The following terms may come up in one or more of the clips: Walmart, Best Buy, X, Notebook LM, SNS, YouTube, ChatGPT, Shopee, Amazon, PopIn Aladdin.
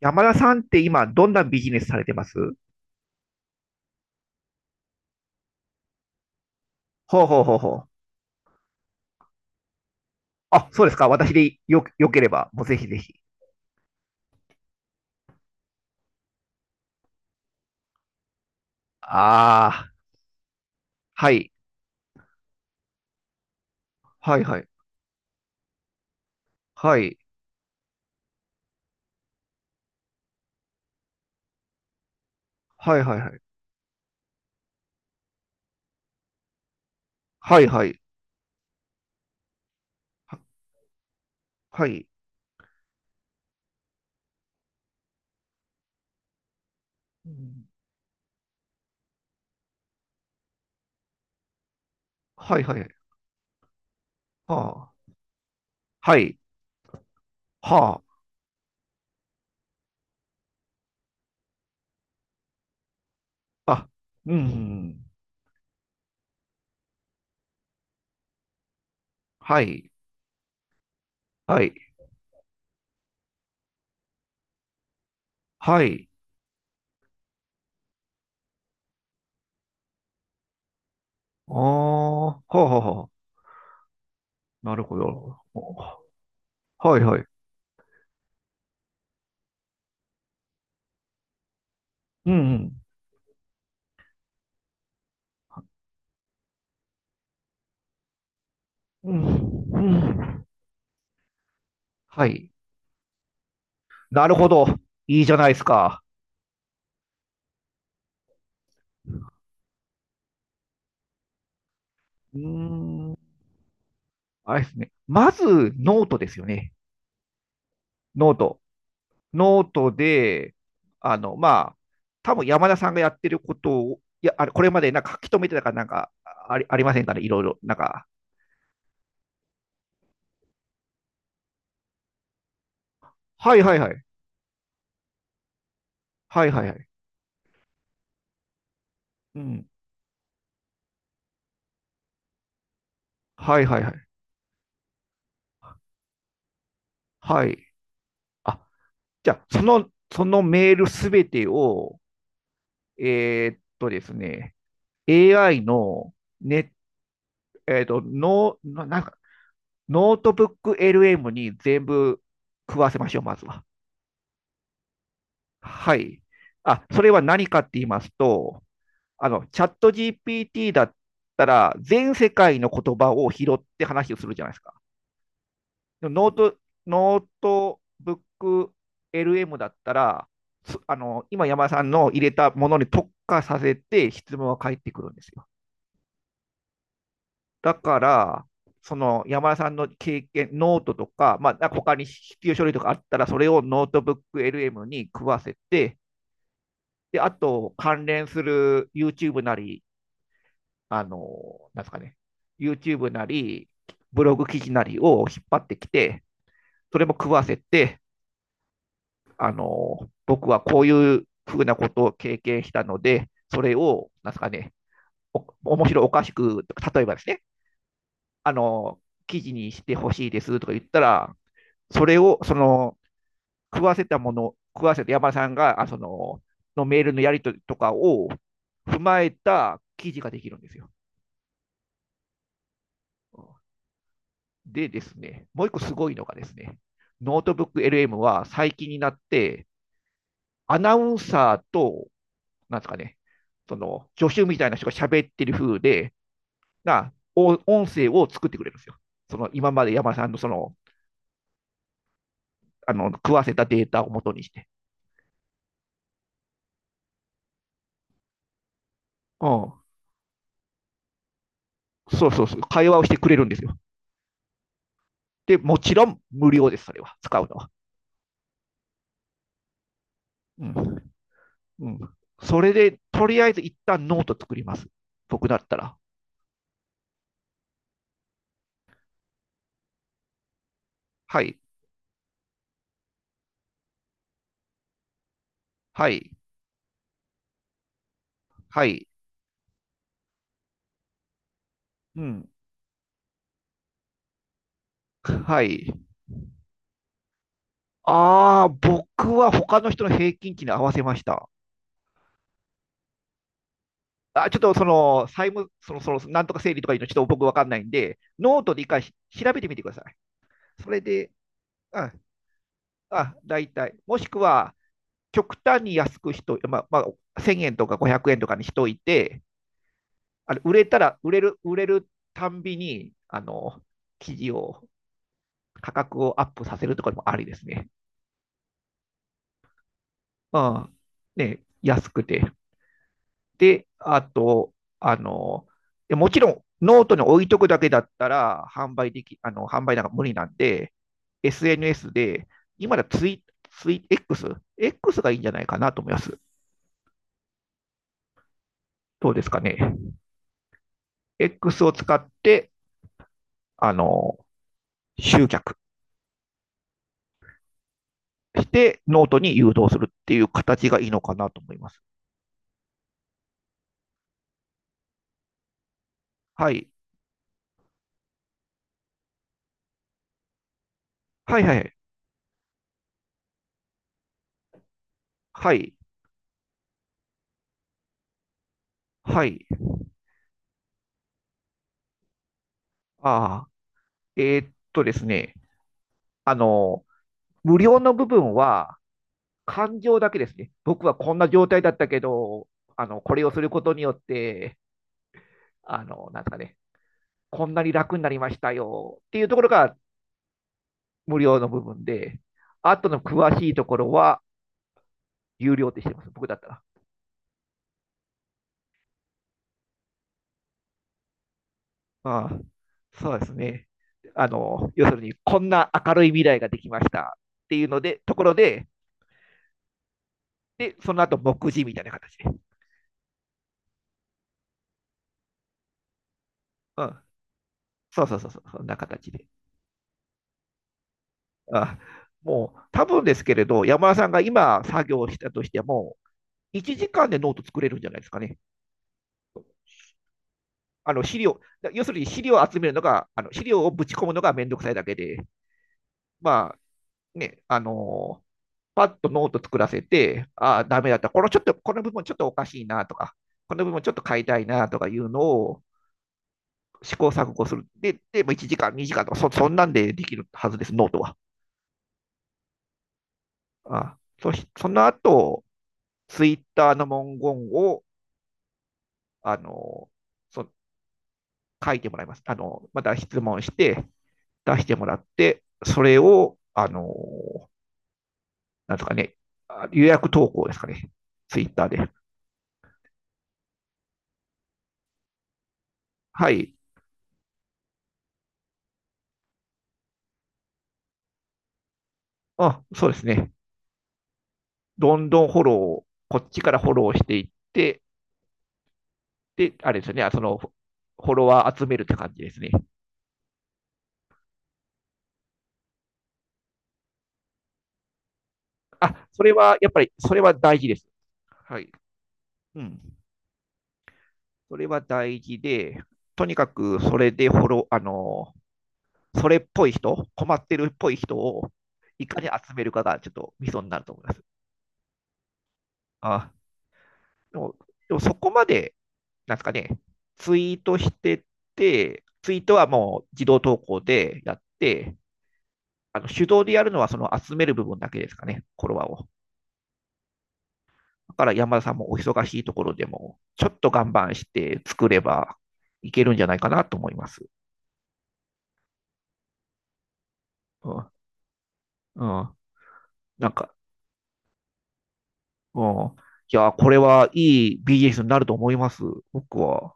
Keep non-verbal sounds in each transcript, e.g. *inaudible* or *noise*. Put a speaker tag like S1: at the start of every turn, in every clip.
S1: 山田さんって今、どんなビジネスされてますほうほうほうほう。あ、そうですか。私でよければ、もうぜひぜひ。ああ、はい。はいはい。はい。はいはいはい。はいはい。ははい。うんはいはい。はあ。はい。はあ。あ。うん。はい。はい。はい。ああ。はあはあはあ。なるほど。はいはい。うん。うん。うん。はい。なるほど。いいじゃないですか。うーん。あれですね。まず、ノートですよね。ノート。ノートで、まあ、多分山田さんがやってることを、いや、あれ、これまでなんか書き留めてたからなんかありませんかね、いろいろ。なんか、はいはいはい。はいはいはい。うん。はいはいはい。はい。あ、じゃあ、そのメールすべてを、ですね、AI のねえーっと、ノー、ななんか、ノートブック LM に全部食わせましょう、まずは。はい。あ、それは何かって言いますと、チャット GPT だったら、全世界の言葉を拾って話をするじゃないですか。でもノート、ノートブック LM だったら、すあの、今山田さんの入れたものに特化させて質問は返ってくるんですよ。だから、その山田さんの経験、ノートとか、まあ、他に必要書類とかあったら、それをノートブック LM に食わせて、で、あと、関連する YouTube なり、あの、なんですかね、YouTube なり、ブログ記事なりを引っ張ってきて、それも食わせて、僕はこういうふうなことを経験したので、それを、なんですかね、お面白おかしく、例えばですね、あの、記事にしてほしいですとか言ったら、それを、食わせたもの、食わせた山田さんが、のメールのやり取りとかを踏まえた記事ができるんですよ。でですね、もう一個すごいのがですね、ノートブック LM は最近になって、アナウンサーと、なんですかね、その助手みたいな人が喋ってる風で、な音声を作ってくれるんですよ。その今まで山田さんのそのあの食わせたデータを元にして、うん。そうそうそう。会話をしてくれるんですよ。で、もちろん無料です、それは、使うのは。うん。うん、それで、とりあえず一旦ノート作ります。僕だったら。はい、はい、はい。うん。はい。ああ、僕は他の人の平均値に合わせました。あ、ちょっとその、債務、その、その、なんとか整理とかいうの、ちょっと僕わかんないんで、ノートで一回し調べてみてください。それで、あ、あ、大体。もしくは、極端に安く人、まあ、1000円とか500円とかにしといて、あれ、売れたら、売れる、売れるたんびに、あの、記事を、価格をアップさせるとかでもありですね。うん。ね、安くて。で、あと、あの、もちろんノートに置いとくだけだったら販売でき、あの、販売なんか無理なんで、SNS で、今だツイ、ツイ、X、X がいいんじゃないかなと思います。どうですかね。X を使って、あの、集客してノートに誘導するっていう形がいいのかなと思います。はい。はいはい。はい。はい。ああ。ですね。あの、無料の部分は、感情だけですね。僕はこんな状態だったけど、これをすることによって、あの、なんですかね、こんなに楽になりましたよっていうところが無料の部分で、あとの詳しいところは有料ってしてます、僕だったら。ああそうですね。あの、要するに、こんな明るい未来ができましたっていうので、ところで、で、その後、目次みたいな形で。うん。そうそうそうそう、そんな形で。ああもう、多分ですけれど、山田さんが今作業したとしても、1時間でノート作れるんじゃないですかね。あの資料、要するに資料を集めるのが、あの資料をぶち込むのがめんどくさいだけで、まあね、パッとノート作らせて、ああ、ダメだった、このちょっと、この部分ちょっとおかしいなとか、この部分ちょっと変えたいなとかいうのを試行錯誤する。で、でも1時間、2時間とかそ、そんなんでできるはずです、ノートは。あそしその後、ツイッターの文言を、あのー書いてもらいます。あのまた質問して、出してもらって、それを、なんとかね、予約投稿ですかね。ツイッターで。はい。あ、そうですね。どんどんフォロー、こっちからフォローしていって、で、あれですよね。ォロワー集めるって感じですね。あ、それは、やっぱり、それは大事です。はい。うん。それは大事で、とにかく、それでフォロー、あのー、それっぽい人、困ってるっぽい人を、いかに集めるかが、ちょっとミソになると思います。あ、でもでもそこまで、なんですかね、ツイートしてツイートはもう自動投稿でやって、あの手動でやるのはその集める部分だけですかね、フォロワーを。だから山田さんもお忙しいところでも、ちょっと頑張して作ればいけるんじゃないかなと思います。うん。うん。なんか、うん。いや、これはいいビージネスになると思います。僕は。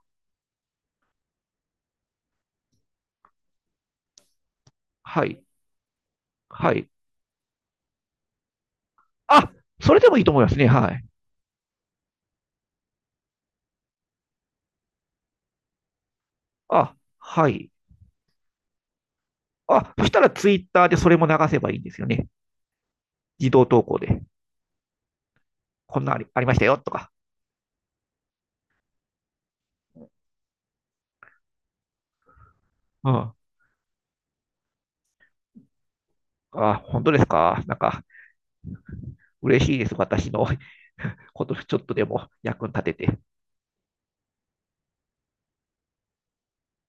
S1: はい。はい。あ、それでもいいと思いますね。はい。あ、はい。あ、そしたらツイッターでそれも流せばいいんですよね。自動投稿で。こんなありありましたよとか。うん。あ、本当ですか。なんか、嬉しいです。私の *laughs* ことちょっとでも役に立てて。